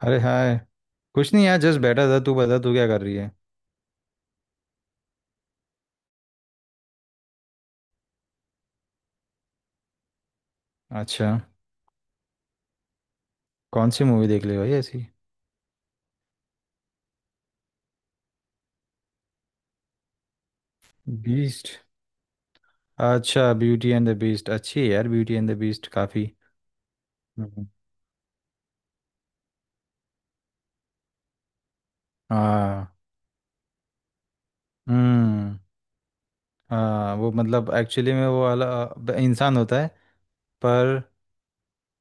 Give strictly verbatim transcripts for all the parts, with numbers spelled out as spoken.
अरे हाय। कुछ नहीं यार जस्ट बैठा था। तू बता, तू क्या कर रही है। अच्छा। कौन सी मूवी देख ली भाई ऐसी। बीस्ट। अच्छा, ब्यूटी एंड द बीस्ट अच्छी है यार। ब्यूटी एंड द बीस्ट काफ़ी। हम्म। हाँ। हम्म। हाँ, वो मतलब एक्चुअली में वो वाला ब- इंसान होता है। पर।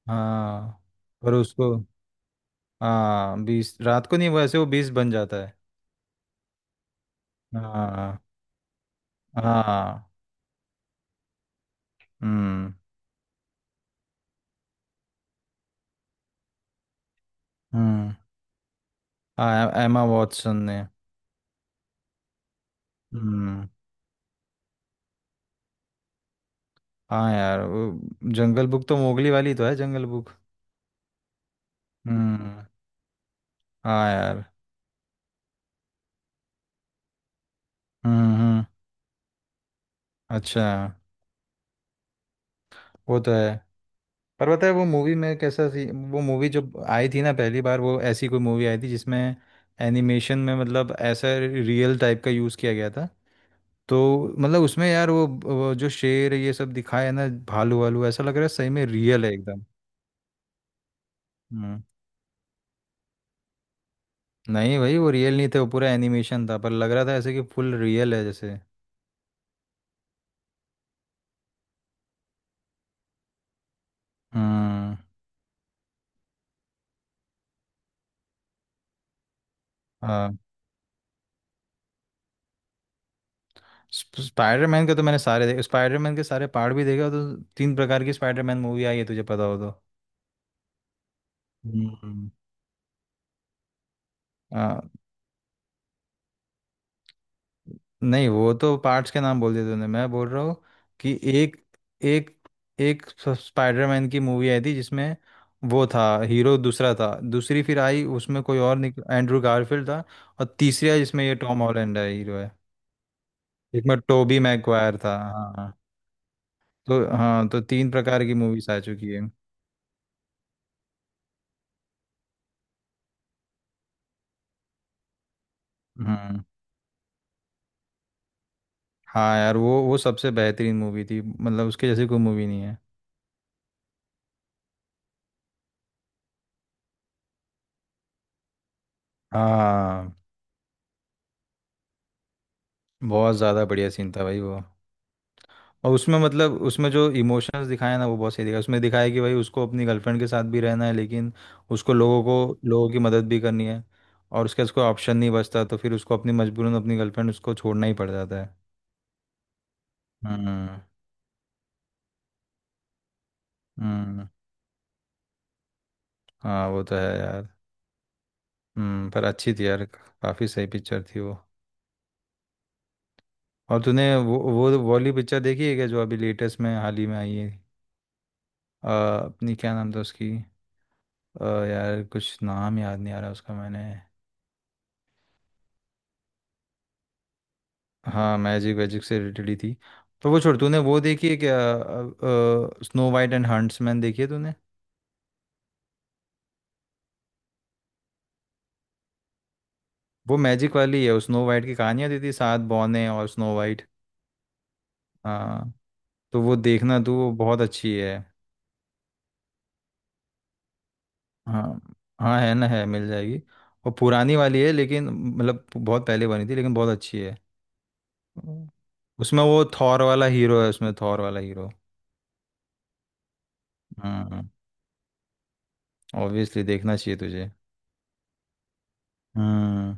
हाँ। पर उसको। हाँ, बीस रात को नहीं, वैसे वो बीस बन जाता है। हाँ। हाँ। हम्म। हम्म। हाँ, एमा वॉटसन ने। हम्म। हाँ यार, वो जंगल बुक तो मोगली वाली तो है जंगल बुक। हम्म। हाँ यार। हम्म। हम्म। अच्छा। वो तो है। पर पता है वो मूवी में कैसा सी। वो मूवी जब आई थी ना पहली बार, वो ऐसी कोई मूवी आई थी जिसमें एनिमेशन में मतलब ऐसा रियल टाइप का यूज़ किया गया था तो मतलब उसमें यार वो, वो जो शेर ये सब दिखाया है ना, भालू वालू ऐसा लग रहा है सही में रियल है एकदम। हम्म। नहीं भाई वो रियल नहीं थे, वो पूरा एनिमेशन था, पर लग रहा था ऐसे कि फुल रियल है जैसे। हम्म। हाँ। स्प- स्पाइडरमैन के तो मैंने सारे देखे। स्पाइडरमैन के सारे पार्ट भी देखे हो तो तीन प्रकार की स्पाइडरमैन मूवी आई है तुझे पता हो तो। हम्म। आ, नहीं वो तो पार्ट्स के नाम बोल दिए तूने। मैं बोल रहा हूँ कि एक एक एक स- स्पाइडरमैन की मूवी आई थी जिसमें वो था, हीरो दूसरा था। दूसरी फिर आई, उसमें कोई और निक एंड्रू गारफील्ड था। और तीसरी आई जिसमें ये टॉम हॉलैंड है हीरो है। एक में टोबी मैगवायर था। हाँ। तो हाँ, तो तीन प्रकार की मूवीज आ चुकी है। हाँ यार, वो वो सबसे बेहतरीन मूवी थी, मतलब उसके जैसी कोई मूवी नहीं है। हाँ। बहुत ज़्यादा बढ़िया सीन था भाई वो। और उसमें मतलब उसमें जो इमोशंस दिखाए ना वो बहुत सही दिखाया, उसमें दिखाया कि भाई उसको अपनी गर्लफ्रेंड के साथ भी रहना है, लेकिन उसको लोगों को लोगों की मदद भी करनी है। और उसके पास कोई ऑप्शन नहीं बचता, तो फिर उसको अपनी मजबूरन अपनी गर्लफ्रेंड उसको छोड़ना ही पड़ जाता है। हम्म। हम्म। हाँ वो तो है यार। हम्म। पर अच्छी थी यार, काफ़ी सही पिक्चर थी वो। और तूने वो वो वो वाली पिक्चर देखी है क्या, जो अभी लेटेस्ट में हाल ही में आई है। अ, अपनी क्या नाम था उसकी। अ, यार कुछ नाम याद नहीं आ रहा उसका मैंने। हाँ, मैजिक वैजिक से रिलेटेड ही थी। तो वो छोड़, तूने वो देखी है क्या, स्नो वाइट एंड हंट्समैन देखी है तूने। वो मैजिक वाली है, स्नो वाइट की कहानियाँ दी थी, सात बौने और स्नो वाइट। हाँ। तो वो देखना तू, वो बहुत अच्छी है। हाँ हाँ, है ना, है, मिल जाएगी। वो पुरानी वाली है लेकिन, मतलब बहुत पहले बनी थी लेकिन बहुत अच्छी है। हम्म। उसमें वो थॉर वाला हीरो है, उसमें थॉर वाला हीरो। हाँ। ऑब्वियसली देखना चाहिए तुझे। हम्म।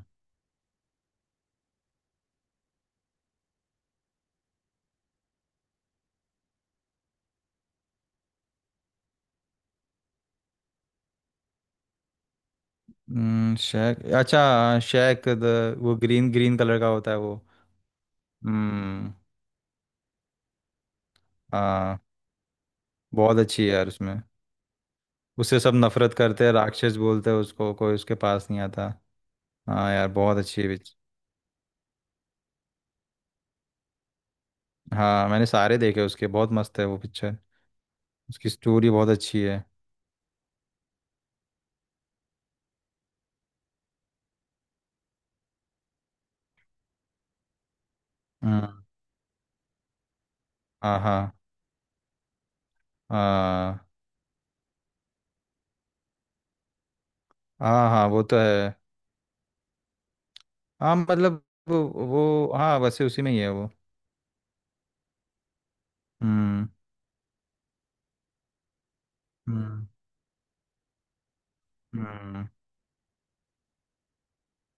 हम्म, शेक, अच्छा शेक द। वो ग्रीन ग्रीन कलर का होता है वो। हम्म। हाँ बहुत अच्छी है यार, उसमें उससे सब नफरत करते हैं, राक्षस बोलते हैं उसको, कोई उसके पास नहीं आता। हाँ यार बहुत अच्छी है पिक्च- हाँ मैंने सारे देखे उसके, बहुत मस्त है वो पिक्चर। उसकी स्टोरी बहुत अच्छी है। हम्म। हाँ हाँ। हाँ। हाँ हाँ। वो तो है। हाँ मतलब। वो वो हाँ, वैसे उसी में ही है वो। हम्म। हम्म। हम्म।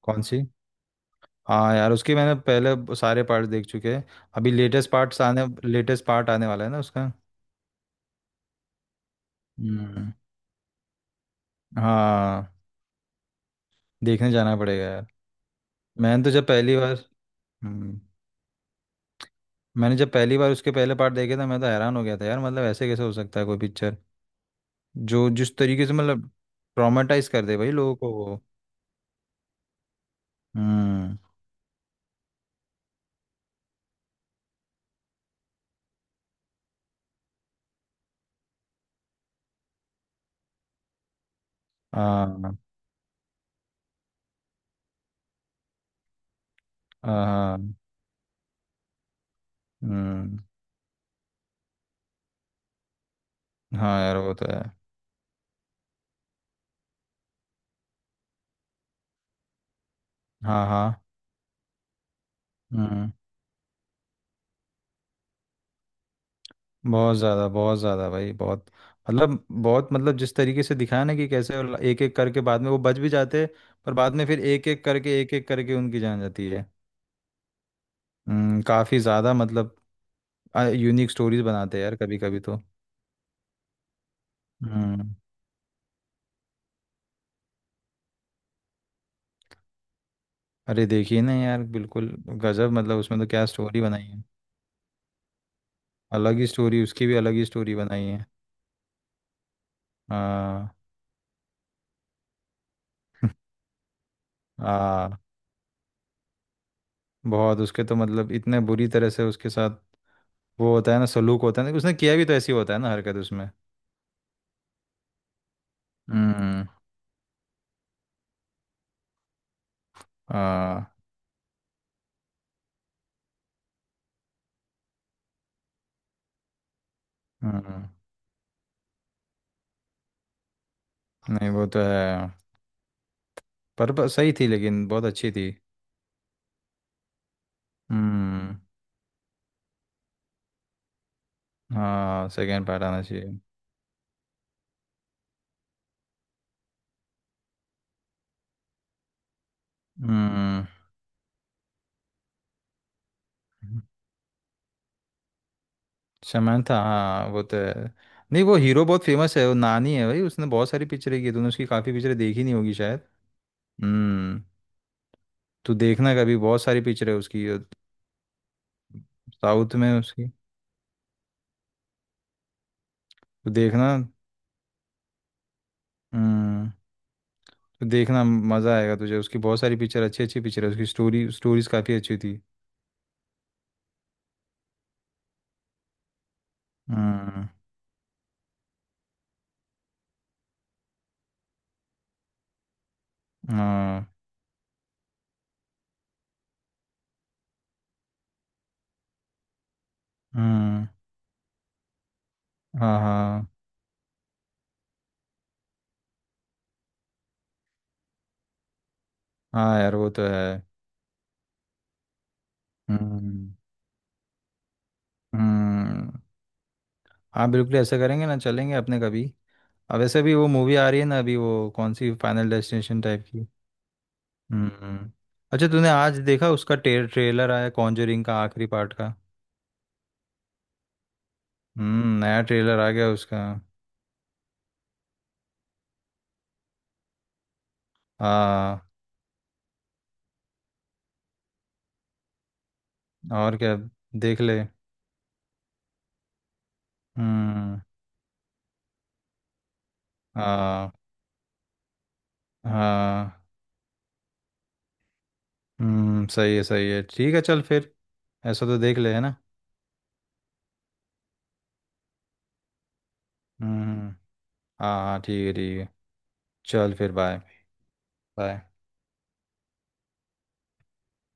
कौन सी। हाँ यार उसके मैंने पहले सारे पार्ट देख चुके हैं। अभी लेटेस्ट पार्ट्स आने लेटेस्ट पार्ट आने वाला है ना उसका। हम्म। हाँ। देखने जाना पड़ेगा यार। मैंने तो जब पहली बार। हम्म। मैंने जब पहली बार उसके पहले पार्ट देखे थे, मैं तो हैरान हो गया था यार, मतलब ऐसे कैसे हो सकता है कोई पिक्चर, जो जिस तरीके से मतलब ट्रॉमेटाइज कर दे भाई लोगों को वो। हम्म। हाँ हाँ। हाँ, हम्म। हाँ यार वो तो है। हाँ हाँ। हम्म। बहुत ज़्यादा बहुत ज़्यादा भाई बहुत। मतलब बहुत, मतलब जिस तरीके से दिखाया ना, कि कैसे एक एक करके बाद में वो बच भी जाते, पर बाद में फिर एक एक करके एक एक करके उनकी जान जाती है। हम्म, काफ़ी ज़्यादा, मतलब यूनिक स्टोरीज बनाते हैं यार कभी कभी तो। हम्म। अरे देखिए ना यार, बिल्कुल गजब, मतलब उसमें तो क्या स्टोरी बनाई है। अलग ही स्टोरी, उसकी भी अलग ही स्टोरी बनाई है। हाँ हाँ। बहुत उसके तो मतलब इतने बुरी तरह से उसके साथ, वो होता है ना सलूक, होता है ना, उसने किया भी तो, ऐसी होता है ना हरकत उसमें। हम्म। हाँ। हम्म, नहीं वो तो है। पर, पर सही थी, लेकिन बहुत अच्छी थी। हम्म। हाँ, सेकेंड पार्ट आना चाहिए। हम्म। शमंथा, हाँ वो तो है। नहीं, वो हीरो बहुत फेमस है, वो नानी है भाई, उसने बहुत सारी पिक्चरें की, तूने उसकी काफ़ी पिक्चरें देखी नहीं होगी शायद। हम्म। तू देखना कभी, बहुत सारी पिक्चरें उसकी। साउथ में उसकी। तू देखना। हम्म। तू देखना, मज़ा आएगा तुझे, उसकी बहुत सारी पिक्चर, अच्छी अच्छी पिक्चर है उसकी। स्टोरी स्टोरीज काफ़ी अच्छी थी। हम्म। हाँ। हम्म। हाँ। हाँ। हाँ यार वो तो है। हम्म। हम्म। हाँ बिल्कुल, ऐसा करेंगे ना, चलेंगे अपने कभी। अब वैसे भी वो मूवी आ रही है ना अभी, वो कौन सी फाइनल डेस्टिनेशन टाइप की। हम्म। अच्छा, तूने आज देखा उसका टे, ट्रेलर आया कॉन्जरिंग का आखिरी पार्ट का। हम्म नया ट्रेलर आ गया उसका। हाँ। और क्या। देख ले। हम्म। हाँ। हाँ। हम्म सही है सही है, ठीक है, चल फिर। ऐसा तो देख ले, है ना। हम्म। हाँ। हाँ ठीक है ठीक है, चल फिर बाय। बाय।